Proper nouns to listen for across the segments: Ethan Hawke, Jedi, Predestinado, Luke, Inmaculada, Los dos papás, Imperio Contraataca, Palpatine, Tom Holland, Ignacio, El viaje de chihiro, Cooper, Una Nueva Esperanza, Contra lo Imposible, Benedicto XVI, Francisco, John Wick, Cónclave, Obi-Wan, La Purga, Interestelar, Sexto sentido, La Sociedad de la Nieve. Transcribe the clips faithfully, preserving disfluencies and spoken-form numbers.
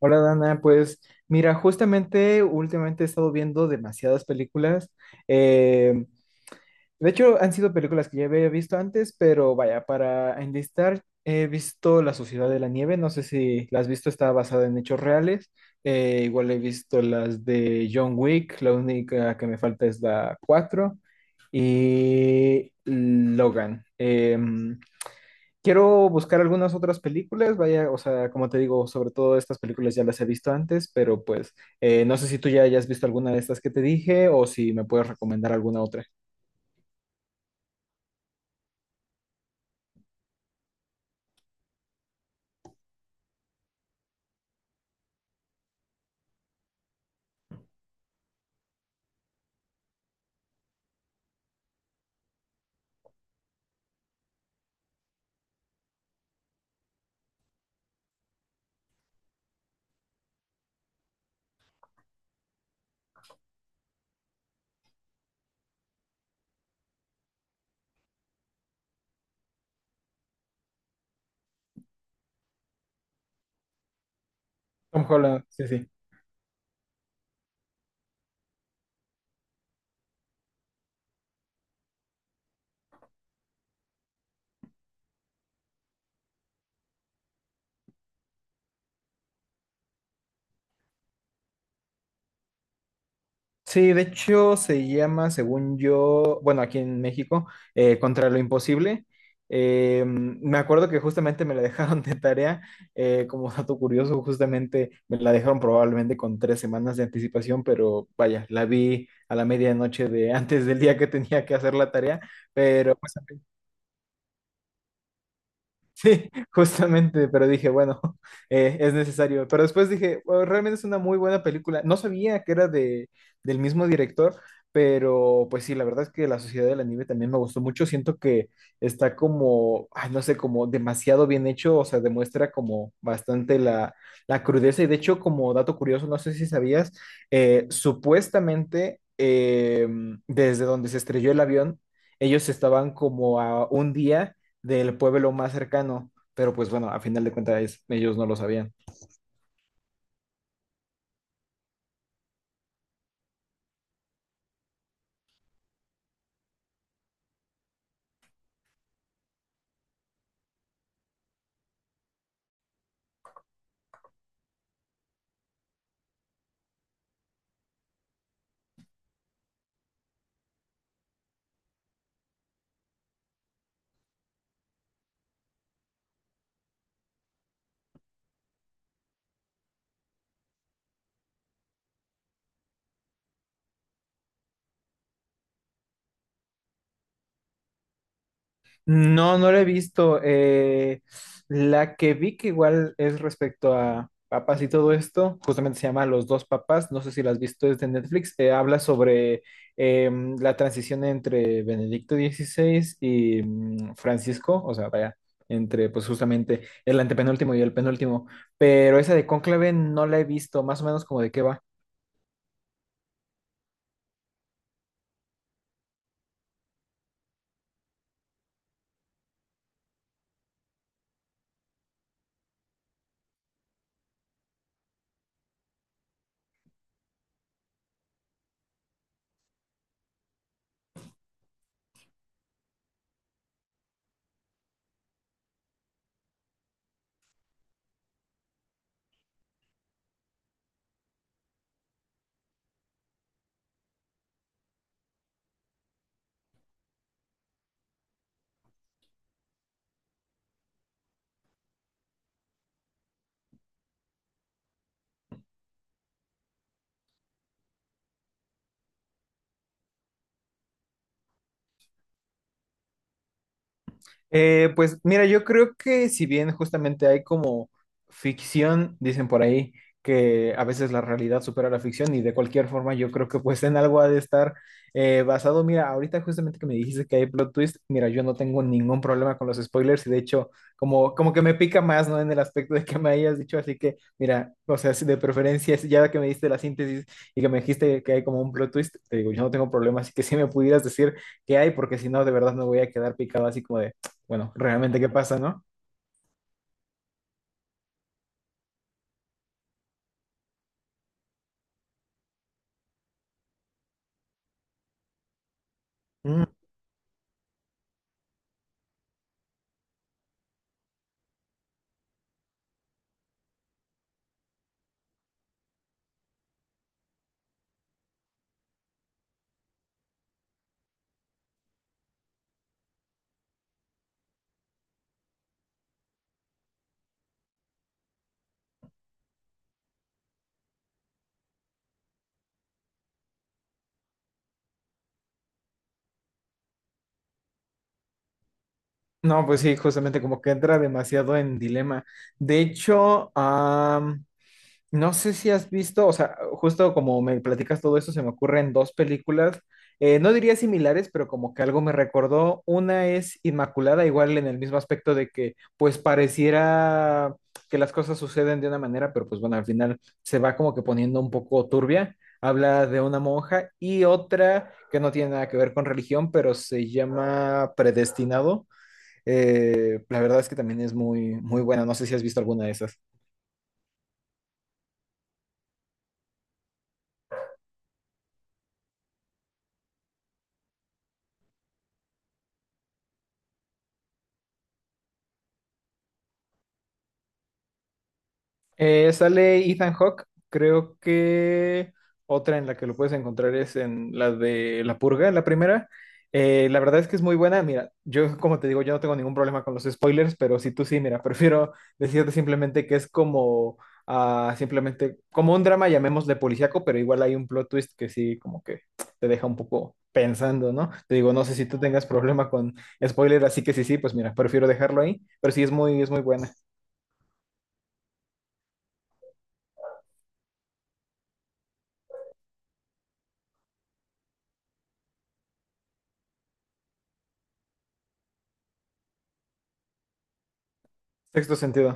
Hola Dana, pues mira, justamente últimamente he estado viendo demasiadas películas. Eh, de hecho, han sido películas que ya había visto antes, pero vaya, para enlistar, he visto La Sociedad de la Nieve, no sé si la has visto, está basada en hechos reales. Eh, igual he visto las de John Wick, la única que me falta es la cuatro y Logan. Eh, Quiero buscar algunas otras películas, vaya, o sea, como te digo, sobre todo estas películas ya las he visto antes, pero pues eh, no sé si tú ya hayas visto alguna de estas que te dije o si me puedes recomendar alguna otra. Tom Holland, sí, sí. Sí, de hecho se llama, según yo, bueno, aquí en México, eh, Contra lo Imposible. Eh, me acuerdo que justamente me la dejaron de tarea, eh, como dato curioso, justamente me la dejaron probablemente con tres semanas de anticipación, pero vaya, la vi a la medianoche de antes del día que tenía que hacer la tarea, pero pues, sí, justamente, pero dije, bueno, eh, es necesario. Pero después dije, "Bueno, realmente es una muy buena película. No sabía que era de, del mismo director, pero pues sí, la verdad es que La Sociedad de la Nieve también me gustó mucho. Siento que está como, ay, no sé, como demasiado bien hecho, o sea, demuestra como bastante la, la crudeza. Y de hecho, como dato curioso, no sé si sabías, eh, supuestamente eh, desde donde se estrelló el avión, ellos estaban como a un día del pueblo más cercano, pero pues bueno, a final de cuentas es- ellos no lo sabían. No, no la he visto. eh, la que vi que igual es respecto a papas y todo esto, justamente se llama Los dos papás, no sé si la has visto, es de Netflix, eh, habla sobre em, la transición entre Benedicto dieciséis y mm, Francisco, o sea, vaya, entre pues justamente el antepenúltimo y el penúltimo, pero esa de Cónclave no la he visto, más o menos como de qué va. Eh, pues mira, yo creo que si bien justamente hay como ficción, dicen por ahí, que a veces la realidad supera la ficción y de cualquier forma yo creo que pues en algo ha de estar eh, basado. Mira, ahorita justamente que me dijiste que hay plot twist, mira, yo no tengo ningún problema con los spoilers y de hecho como, como que me pica más, ¿no? En el aspecto de que me hayas dicho, así que mira, o sea, si de preferencia, si ya que me diste la síntesis y que me dijiste que hay como un plot twist, te digo, yo no tengo problema, así que si me pudieras decir qué hay, porque si no, de verdad me voy a quedar picado así como de... Bueno, realmente qué pasa, ¿no? Mm. No, pues sí, justamente como que entra demasiado en dilema. De hecho, am, No sé si has visto, o sea, justo como me platicas todo eso, se me ocurren dos películas, eh, no diría similares, pero como que algo me recordó. Una es Inmaculada, igual en el mismo aspecto de que pues pareciera que las cosas suceden de una manera, pero pues bueno, al final se va como que poniendo un poco turbia. Habla de una monja y otra que no tiene nada que ver con religión, pero se llama Predestinado. Eh, la verdad es que también es muy, muy buena. No sé si has visto alguna de esas. Eh, sale Ethan Hawke, creo que otra en la que lo puedes encontrar es en la de La Purga, la primera. Eh, la verdad es que es muy buena. Mira, yo como te digo, yo no tengo ningún problema con los spoilers, pero si tú sí, mira, prefiero decirte simplemente que es como ah, simplemente como un drama, llamémosle policíaco, pero igual hay un plot twist que sí como que te deja un poco pensando, ¿no? Te digo, no sé si tú tengas problema con spoiler, así que sí, sí, pues mira, prefiero dejarlo ahí, pero sí es muy, es muy buena. Sexto sentido.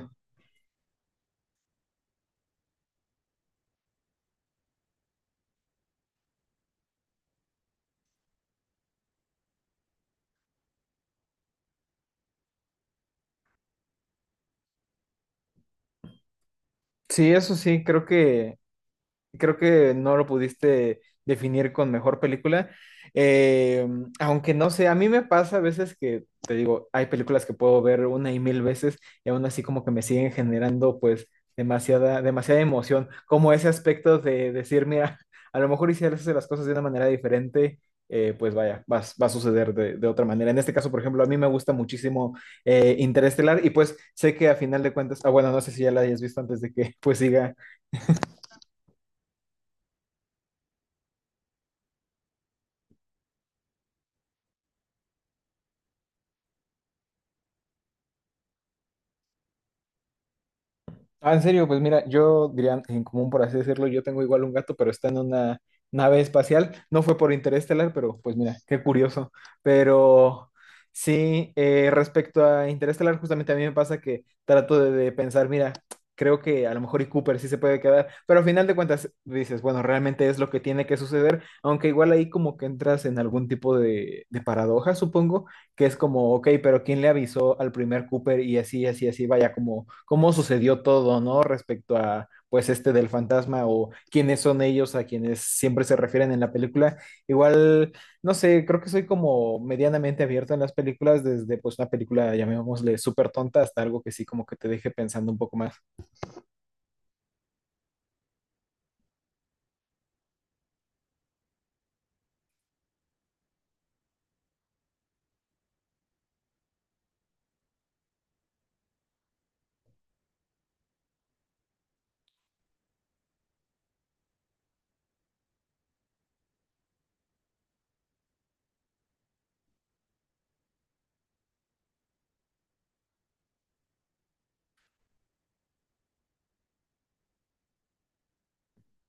Sí, eso sí, creo que creo que no lo pudiste definir con mejor película. Eh, aunque no sé, a mí me pasa a veces que, te digo, hay películas que puedo ver una y mil veces y aún así como que me siguen generando pues demasiada, demasiada emoción, como ese aspecto de decir, mira, a lo mejor hicieras las cosas de una manera diferente. eh, pues vaya, va, a- va a suceder de, de otra manera. En este caso, por ejemplo, a mí me gusta muchísimo eh, Interestelar y pues sé que a final de cuentas, ah, bueno, no sé si ya la hayas visto antes de que pues siga. Ah, en serio, pues mira, yo diría en común, por así decirlo, yo tengo igual un gato, pero está en una nave espacial. No fue por Interestelar, pero pues mira, qué curioso. Pero sí, eh, respecto a Interestelar, justamente a mí me pasa que trato de, de pensar, mira, creo que a lo mejor y Cooper sí se puede quedar, pero al final de cuentas dices, bueno, realmente es lo que tiene que suceder, aunque igual ahí como que entras en algún tipo de, de paradoja, supongo, que es como, ok, pero ¿quién le avisó al primer Cooper? Y así, así, así, vaya, como cómo sucedió todo, ¿no? Respecto a, pues, este del fantasma o quiénes son ellos a quienes siempre se refieren en la película. Igual, no sé, creo que soy como medianamente abierto en las películas, desde, pues, una película, llamémosle, súper tonta hasta algo que sí como que te deje pensando un poco más.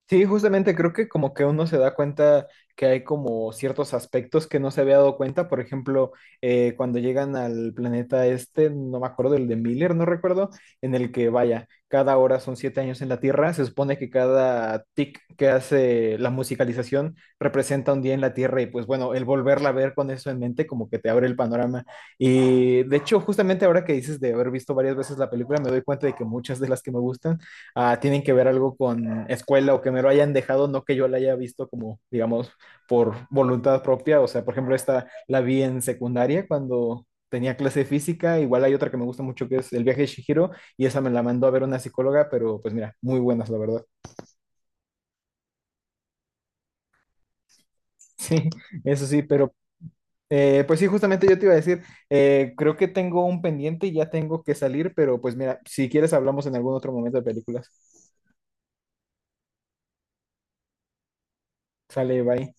Sí, justamente creo que como que uno se da cuenta que hay como ciertos aspectos que no se había dado cuenta. Por ejemplo, eh, cuando llegan al planeta este, no me acuerdo, el de Miller, no recuerdo, en el que vaya, cada hora son siete años en la Tierra. Se supone que cada tic que hace la musicalización representa un día en la Tierra y pues bueno, el volverla a ver con eso en mente como que te abre el panorama. Y de hecho, justamente ahora que dices de haber visto varias veces la película, me doy cuenta de que muchas de las que me gustan ah, tienen que ver algo con escuela o que me lo hayan dejado, no que yo la haya visto como, digamos, por voluntad propia. O sea, por ejemplo, esta la vi en secundaria cuando tenía clase de física. Igual hay otra que me gusta mucho que es El viaje de Chihiro y esa me la mandó a ver una psicóloga, pero pues mira, muy buenas, la verdad. Sí, eso sí, pero... eh, pues sí, justamente yo te iba a decir, eh, creo que tengo un pendiente y ya tengo que salir, pero pues mira, si quieres hablamos en algún otro momento de películas. Sale, bye.